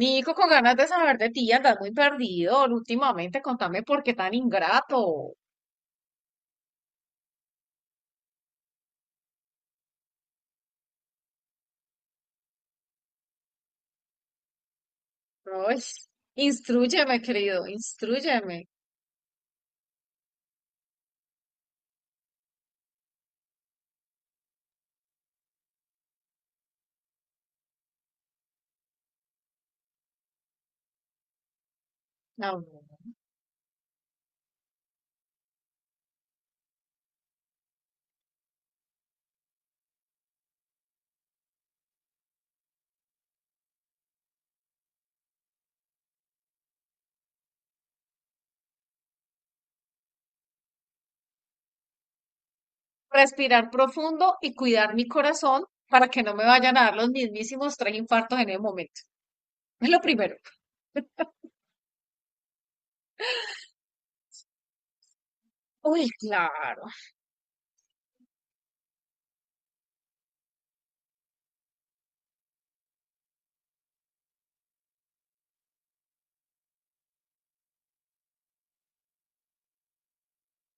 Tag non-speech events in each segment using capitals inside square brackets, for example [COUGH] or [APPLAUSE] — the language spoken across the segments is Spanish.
Nico, con ganas de saber de ti, andas muy perdido últimamente. Contame por qué tan ingrato. Ay, instrúyeme, querido, instrúyeme. No, no, no. Respirar profundo y cuidar mi corazón para que no me vayan a dar los mismísimos tres infartos en el momento. Es lo primero. [LAUGHS] Uy, claro.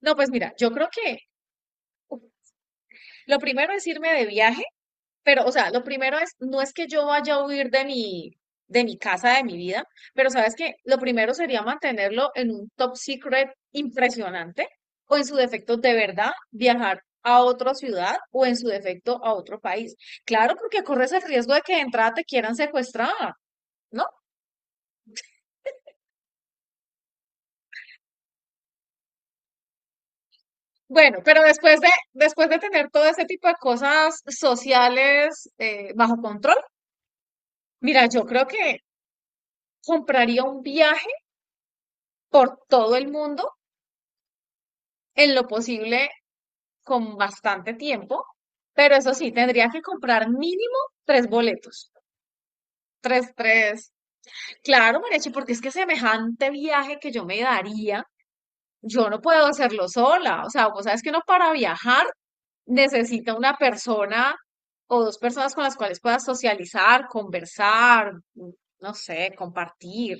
No, pues mira, yo creo que uf, lo primero es irme de viaje. Pero, o sea, lo primero es, no es que yo vaya a huir de de mi casa, de mi vida, pero sabes que lo primero sería mantenerlo en un top secret impresionante o, en su defecto, de verdad viajar a otra ciudad o, en su defecto, a otro país. Claro, porque corres el riesgo de que de entrada te quieran secuestrar, ¿no? Bueno, pero después de tener todo ese tipo de cosas sociales bajo control, mira, yo creo que compraría un viaje por todo el mundo, en lo posible con bastante tiempo, pero eso sí, tendría que comprar mínimo tres boletos. Tres, tres. Claro, Marechi, porque es que semejante viaje que yo me daría, yo no puedo hacerlo sola. O sea, vos sabes que uno para viajar necesita una persona o dos personas con las cuales puedas socializar, conversar, no sé, compartir.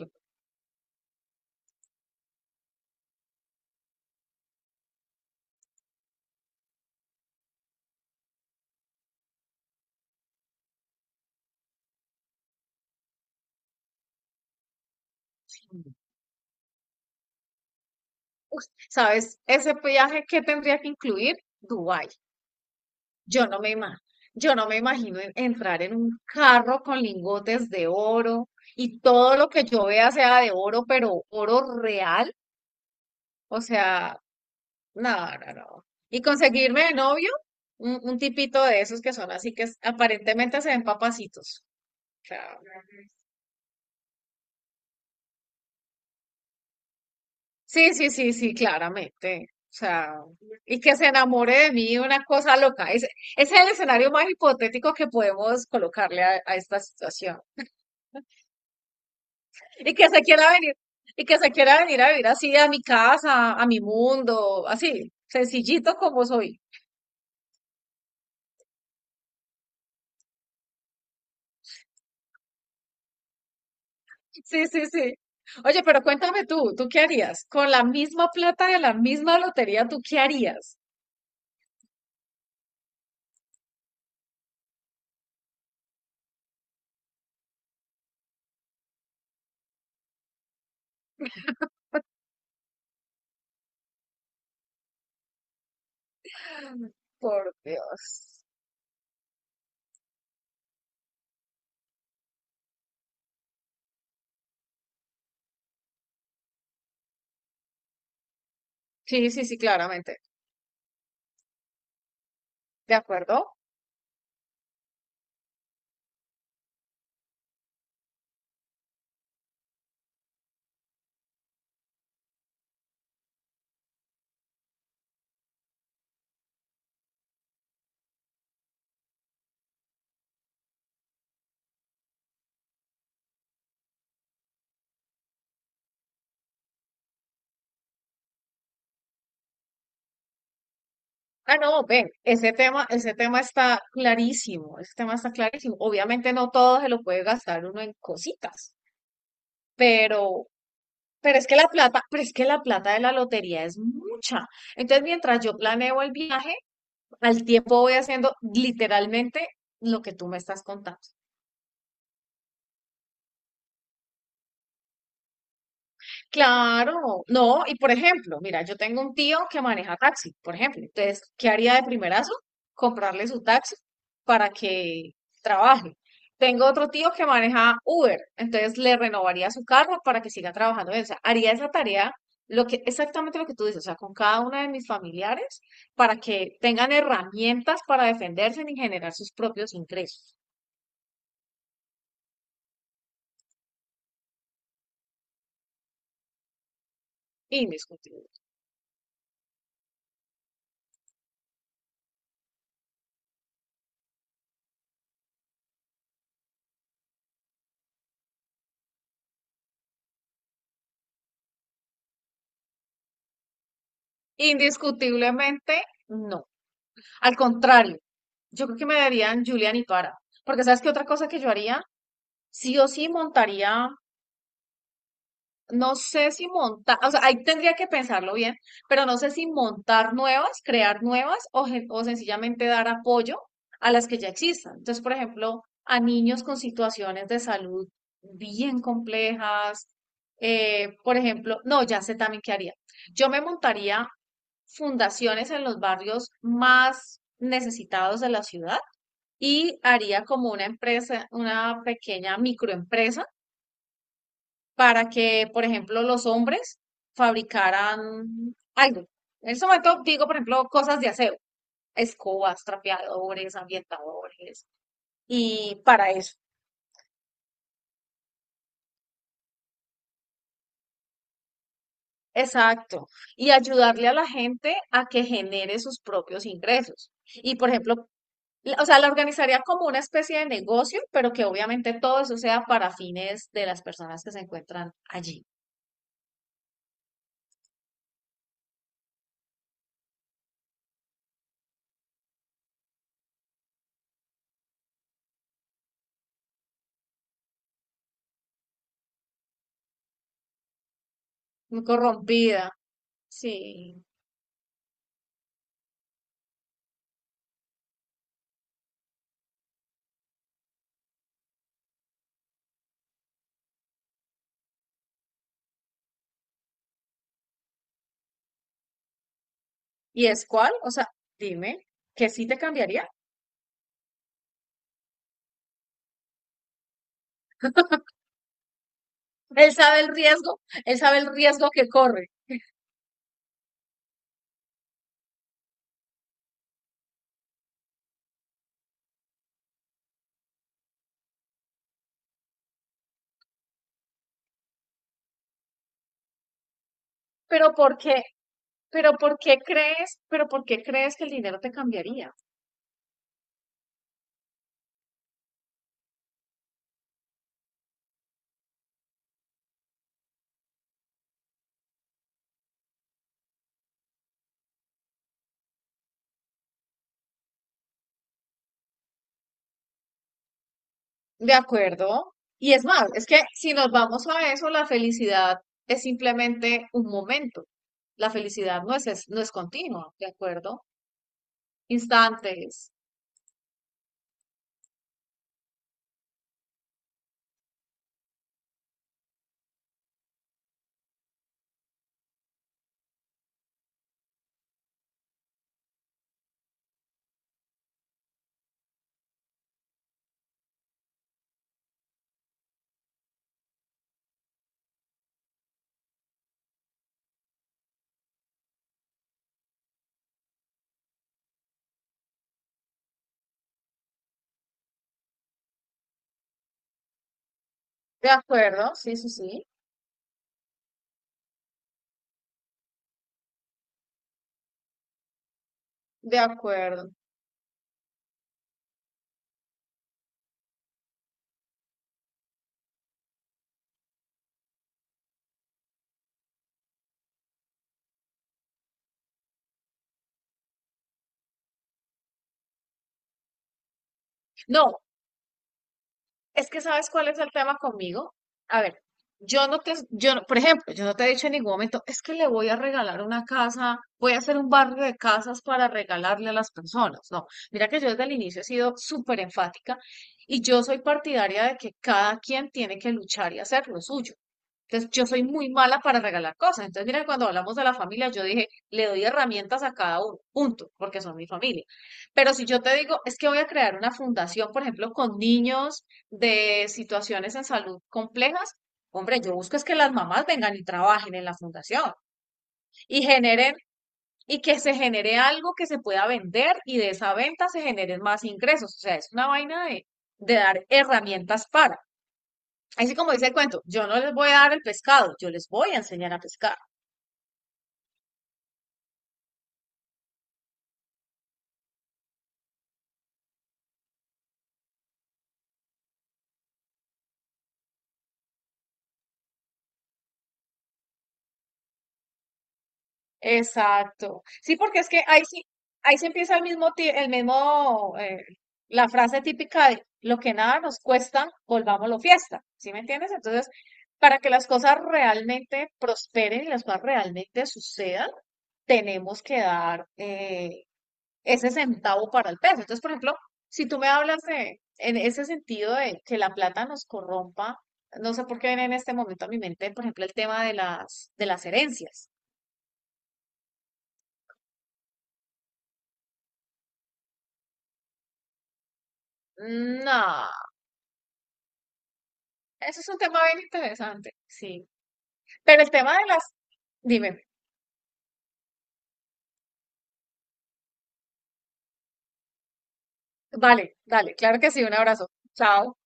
Uf, ¿sabes? Ese viaje que tendría que incluir Dubái. Yo no me ima- yo no me imagino entrar en un carro con lingotes de oro y todo lo que yo vea sea de oro, pero oro real. O sea, no, no, no. Y conseguirme de novio un tipito de esos que son así, que aparentemente se ven papacitos. O sea, sí, sí, sí, sí, claramente. O sea, y que se enamore de mí, una cosa loca. Ese es el escenario más hipotético que podemos colocarle a esta situación. Y que se quiera venir, y que se quiera venir a vivir así a mi casa, a mi mundo, así, sencillito como soy. Sí, sí, sí. Oye, pero cuéntame tú, ¿tú qué harías? Con la misma plata, de la misma lotería, ¿tú qué harías? Por Dios. Sí, sí, sí, claramente. ¿De acuerdo? Ah, no, ven, ese tema está clarísimo, ese tema está clarísimo. Obviamente no todo se lo puede gastar uno en cositas, pero Pero es que la plata, pero es que la plata de la lotería es mucha. Entonces, mientras yo planeo el viaje, al tiempo voy haciendo literalmente lo que tú me estás contando. Claro, no, y por ejemplo, mira, yo tengo un tío que maneja taxi, por ejemplo, entonces, ¿qué haría de primerazo? Comprarle su taxi para que trabaje. Tengo otro tío que maneja Uber, entonces le renovaría su carro para que siga trabajando en él. O sea, haría esa tarea, exactamente lo que tú dices, o sea, con cada una de mis familiares, para que tengan herramientas para defenderse y generar sus propios ingresos. Indiscutible. Indiscutiblemente, no. Al contrario, yo creo que me darían Julian y Tuara. Porque sabes qué otra cosa que yo haría, sí o sí montaría, no sé si montar, o sea, ahí tendría que pensarlo bien, pero no sé si montar nuevas, crear nuevas, o, o sencillamente dar apoyo a las que ya existan. Entonces, por ejemplo, a niños con situaciones de salud bien complejas, por ejemplo, no, ya sé también qué haría. Yo me montaría fundaciones en los barrios más necesitados de la ciudad y haría como una empresa, una pequeña microempresa, para que, por ejemplo, los hombres fabricaran algo. En ese momento digo, por ejemplo, cosas de aseo, escobas, trapeadores, ambientadores, y para eso. Exacto. Y ayudarle a la gente a que genere sus propios ingresos. Y, por ejemplo, o sea, la organizaría como una especie de negocio, pero que obviamente todo eso sea para fines de las personas que se encuentran allí. Muy corrompida. Sí. ¿Y es cuál? O sea, dime, que sí te cambiaría. Él sabe el riesgo, él sabe el riesgo que corre. Pero ¿por qué? Pero ¿por qué crees? Pero ¿por qué crees que el dinero te cambiaría? De acuerdo. Y es más, es que si nos vamos a eso, la felicidad es simplemente un momento. La felicidad no es, no es continua, ¿de acuerdo? Instantes. De acuerdo, sí, sí, sí. De acuerdo. No, es que sabes cuál es el tema conmigo. A ver, yo no- por ejemplo, yo no te he dicho en ningún momento, es que le voy a regalar una casa, voy a hacer un barrio de casas para regalarle a las personas. No, mira que yo desde el inicio he sido súper enfática y yo soy partidaria de que cada quien tiene que luchar y hacer lo suyo. Entonces, yo soy muy mala para regalar cosas. Entonces, mira, cuando hablamos de la familia, yo dije, le doy herramientas a cada uno, punto, porque son mi familia. Pero si yo te digo, es que voy a crear una fundación, por ejemplo, con niños de situaciones en salud complejas, hombre, yo busco es que las mamás vengan y trabajen en la fundación y generen, y que se genere algo que se pueda vender y de esa venta se generen más ingresos. O sea, es una vaina de dar herramientas para. Así como dice el cuento, yo no les voy a dar el pescado, yo les voy a enseñar a pescar. Exacto. Sí, porque es que ahí sí, ahí se empieza el mismo, la frase típica de lo que nada nos cuesta, volvámoslo fiesta. ¿Sí me entiendes? Entonces, para que las cosas realmente prosperen y las cosas realmente sucedan, tenemos que dar ese centavo para el peso. Entonces, por ejemplo, si tú me hablas de, en ese sentido de que la plata nos corrompa, no sé por qué viene en este momento a mi mente, por ejemplo, el tema de las herencias. No. Eso es un tema bien interesante, sí. Pero el tema de las, dime, vale, dale, claro que sí, un abrazo. Chao.